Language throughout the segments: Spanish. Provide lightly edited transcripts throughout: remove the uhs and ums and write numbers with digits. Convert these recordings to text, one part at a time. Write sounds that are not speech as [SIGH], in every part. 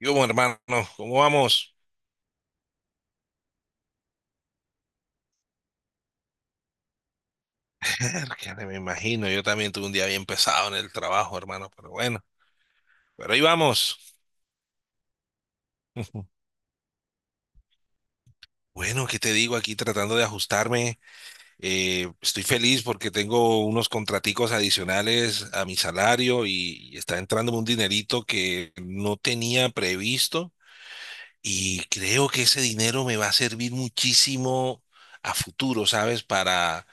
Yo, bueno, hermano, ¿cómo vamos? [LAUGHS] Que me imagino, yo también tuve un día bien pesado en el trabajo, hermano, pero bueno, pero ahí vamos. [LAUGHS] Bueno, ¿qué te digo aquí tratando de ajustarme? Estoy feliz porque tengo unos contraticos adicionales a mi salario y está entrando un dinerito que no tenía previsto y creo que ese dinero me va a servir muchísimo a futuro, ¿sabes? Para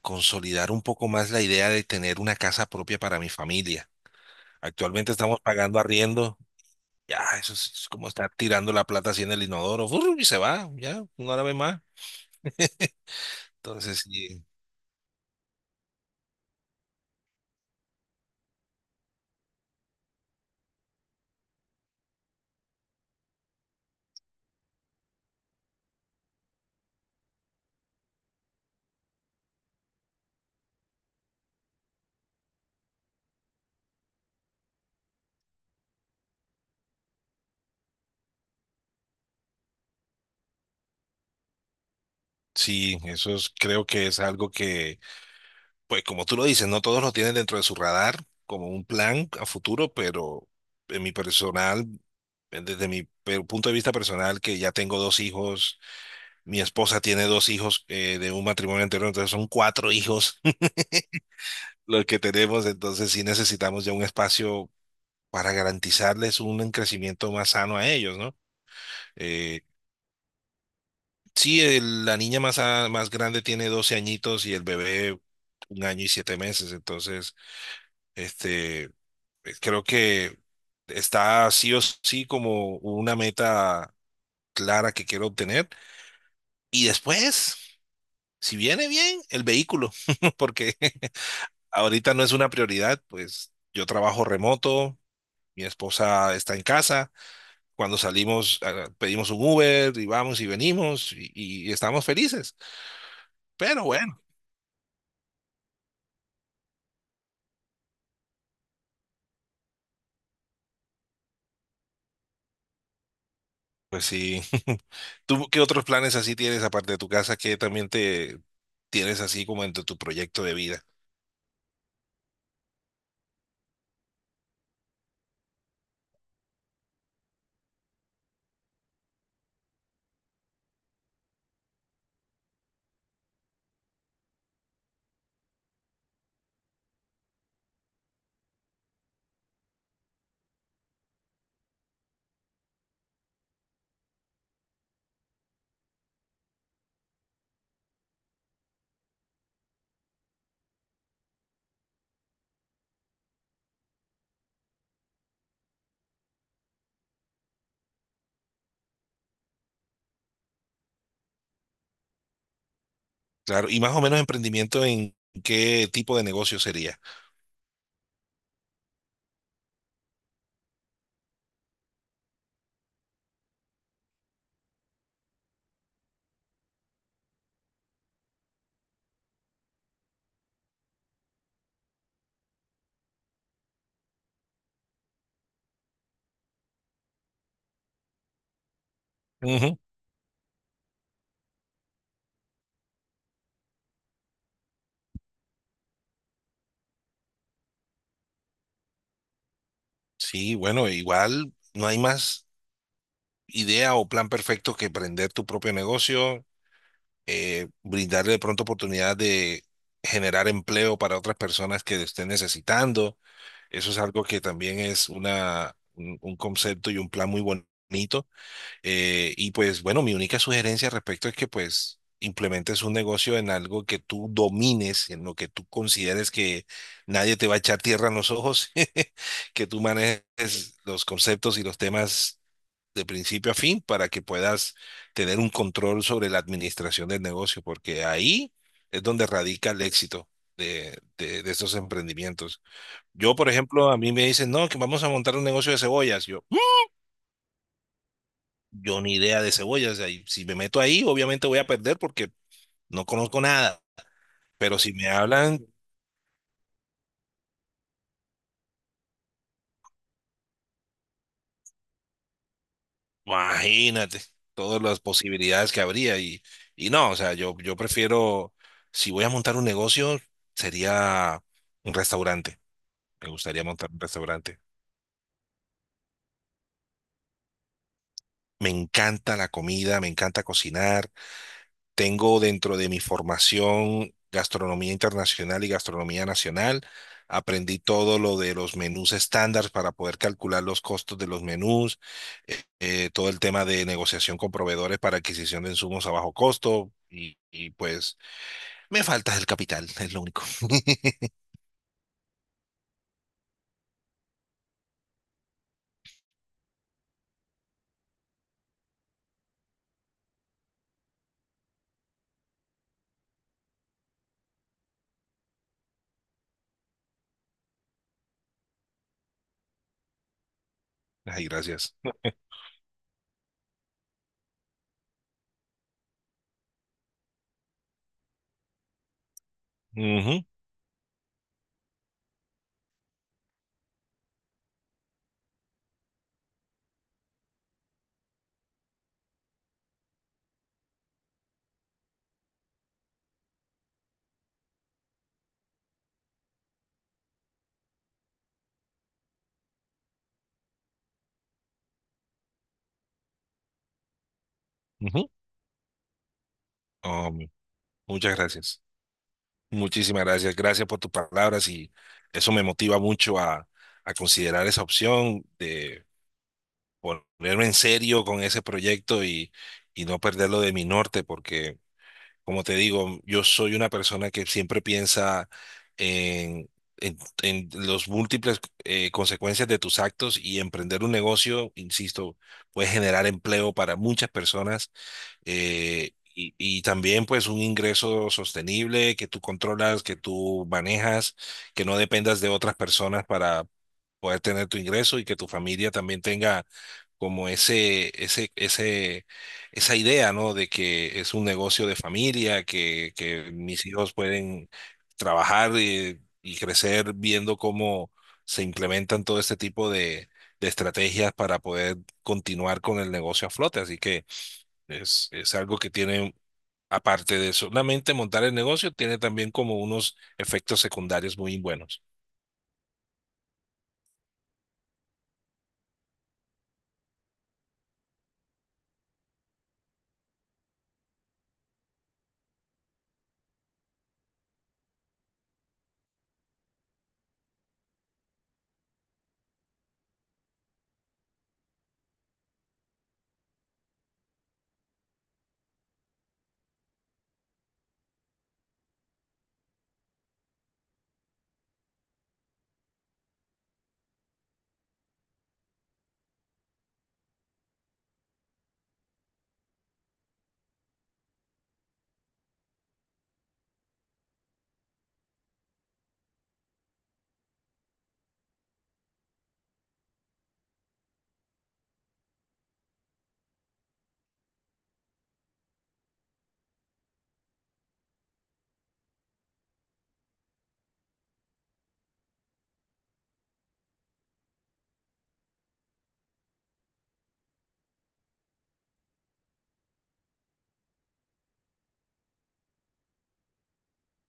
consolidar un poco más la idea de tener una casa propia para mi familia. Actualmente estamos pagando arriendo. Ya, eso es como estar tirando la plata así en el inodoro. ¡Fur! Y se va, ya, no la ve más. Entonces, sí, sí, creo que es algo que, pues como tú lo dices, no todos lo tienen dentro de su radar como un plan a futuro, pero en mi personal, desde mi punto de vista personal, que ya tengo dos hijos. Mi esposa tiene dos hijos, de un matrimonio anterior, entonces son cuatro hijos [LAUGHS] los que tenemos, entonces sí necesitamos ya un espacio para garantizarles un crecimiento más sano a ellos, ¿no? Eh, sí, la niña más, más grande, tiene 12 añitos y el bebé 1 año y 7 meses. Entonces, este, eh, creo que está sí o sí como una meta clara que quiero obtener. Y después, si viene bien, el vehículo, [LAUGHS] porque ahorita no es una prioridad, pues yo trabajo remoto, mi esposa está en casa. Cuando salimos, pedimos un Uber y vamos y venimos, y estamos felices. Pero bueno, pues sí. [LAUGHS] ¿Tú qué otros planes así tienes, aparte de tu casa, que también te tienes así como entre tu proyecto de vida? Claro, y más o menos, emprendimiento en qué tipo de negocio sería. Ujú. Sí, bueno, igual no hay más idea o plan perfecto que emprender tu propio negocio, brindarle de pronto oportunidad de generar empleo para otras personas que lo estén necesitando. Eso es algo que también es un concepto y un plan muy bonito. Y pues bueno, mi única sugerencia al respecto es que pues implementes un negocio en algo que tú domines, en lo que tú consideres que nadie te va a echar tierra en los ojos, [LAUGHS] que tú manejes los conceptos y los temas de principio a fin para que puedas tener un control sobre la administración del negocio, porque ahí es donde radica el éxito de estos emprendimientos. Yo, por ejemplo, a mí me dicen, no, que vamos a montar un negocio de cebollas. Yo, "Mm, yo ni idea de cebollas. Ahí, si me meto ahí, obviamente voy a perder porque no conozco nada". Pero si me hablan, imagínate todas las posibilidades que habría. Y no, o sea, yo prefiero, si voy a montar un negocio, sería un restaurante. Me gustaría montar un restaurante. Me encanta la comida, me encanta cocinar. Tengo dentro de mi formación gastronomía internacional y gastronomía nacional. Aprendí todo lo de los menús estándar para poder calcular los costos de los menús, todo el tema de negociación con proveedores para adquisición de insumos a bajo costo, y, pues me falta el capital. [LAUGHS] Es lo único. [LAUGHS] Ay, gracias. Ujú, ujú. Um, muchas gracias. Muchísimas gracias. Gracias por tus palabras, y eso me motiva mucho a considerar esa opción de ponerme en serio con ese proyecto y no perderlo de mi norte, porque como te digo, yo soy una persona que siempre piensa en, en, en los múltiples consecuencias de tus actos, y emprender un negocio, insisto, puede generar empleo para muchas personas. Y también, pues, un ingreso sostenible que tú controlas, que tú manejas, que no dependas de otras personas para poder tener tu ingreso, y que tu familia también tenga como esa idea, ¿no? De que es un negocio de familia, que mis hijos pueden trabajar y crecer viendo cómo se implementan todo este tipo de estrategias para poder continuar con el negocio a flote. Así que es algo que tiene, aparte de solamente montar el negocio, tiene también como unos efectos secundarios muy buenos.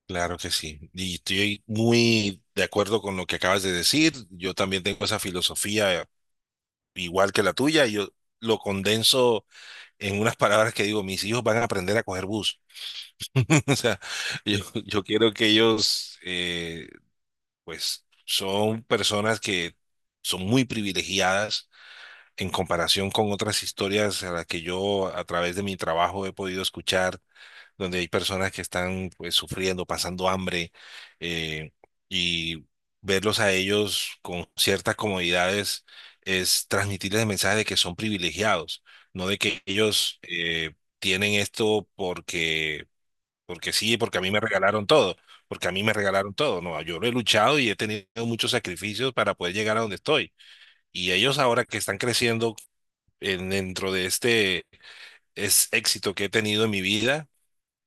Claro que sí. Y estoy muy de acuerdo con lo que acabas de decir. Yo también tengo esa filosofía, igual que la tuya. Yo lo condenso en unas palabras que digo: mis hijos van a aprender a coger bus. [LAUGHS] O sea, yo, yo quiero que ellos, pues, son personas que son muy privilegiadas en comparación con otras historias a las que yo a través de mi trabajo he podido escuchar, donde hay personas que están, pues, sufriendo, pasando hambre, eh, y verlos a ellos con ciertas comodidades es transmitirles el mensaje de que son privilegiados, no de que ellos, tienen esto porque, porque sí, porque a mí me regalaron todo, porque a mí me regalaron todo. No, yo lo he luchado y he tenido muchos sacrificios para poder llegar a donde estoy. Y ellos ahora que están creciendo dentro de este es éxito que he tenido en mi vida,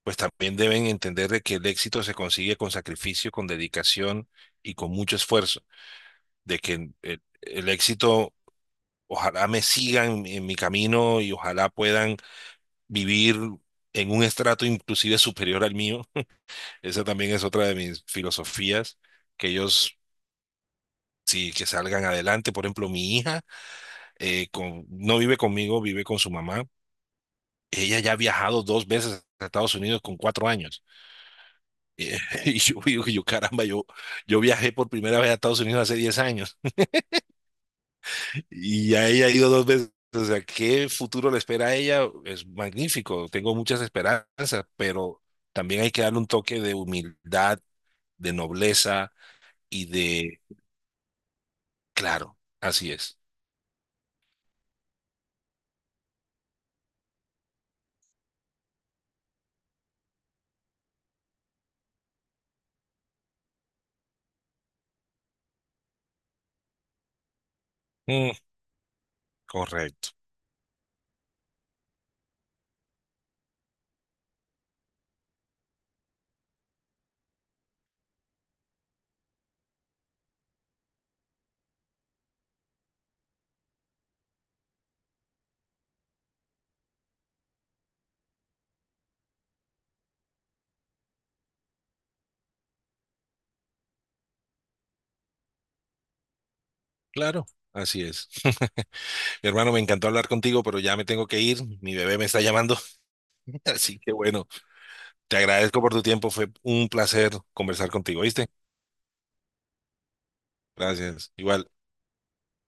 pues también deben entender de que el éxito se consigue con sacrificio, con dedicación y con mucho esfuerzo, de que el éxito, ojalá me sigan en mi camino y ojalá puedan vivir en un estrato inclusive superior al mío. [LAUGHS] Esa también es otra de mis filosofías, que ellos sí que salgan adelante. Por ejemplo, mi hija, no vive conmigo, vive con su mamá. Ella ya ha viajado dos veces a Estados Unidos con 4 años. Eh, [LAUGHS] Y caramba, yo viajé por primera vez a Estados Unidos hace 10 años, y a ella ha ido dos veces. O sea, ¿qué futuro le espera a ella? Es magnífico, tengo muchas esperanzas, pero también hay que darle un toque de humildad, de nobleza y de... Claro, así es. Mm, correcto. Claro, así es. [LAUGHS] Hermano, me encantó hablar contigo, pero ya me tengo que ir. Mi bebé me está llamando. [LAUGHS] Así que bueno, te agradezco por tu tiempo. Fue un placer conversar contigo, ¿viste? Gracias. Igual.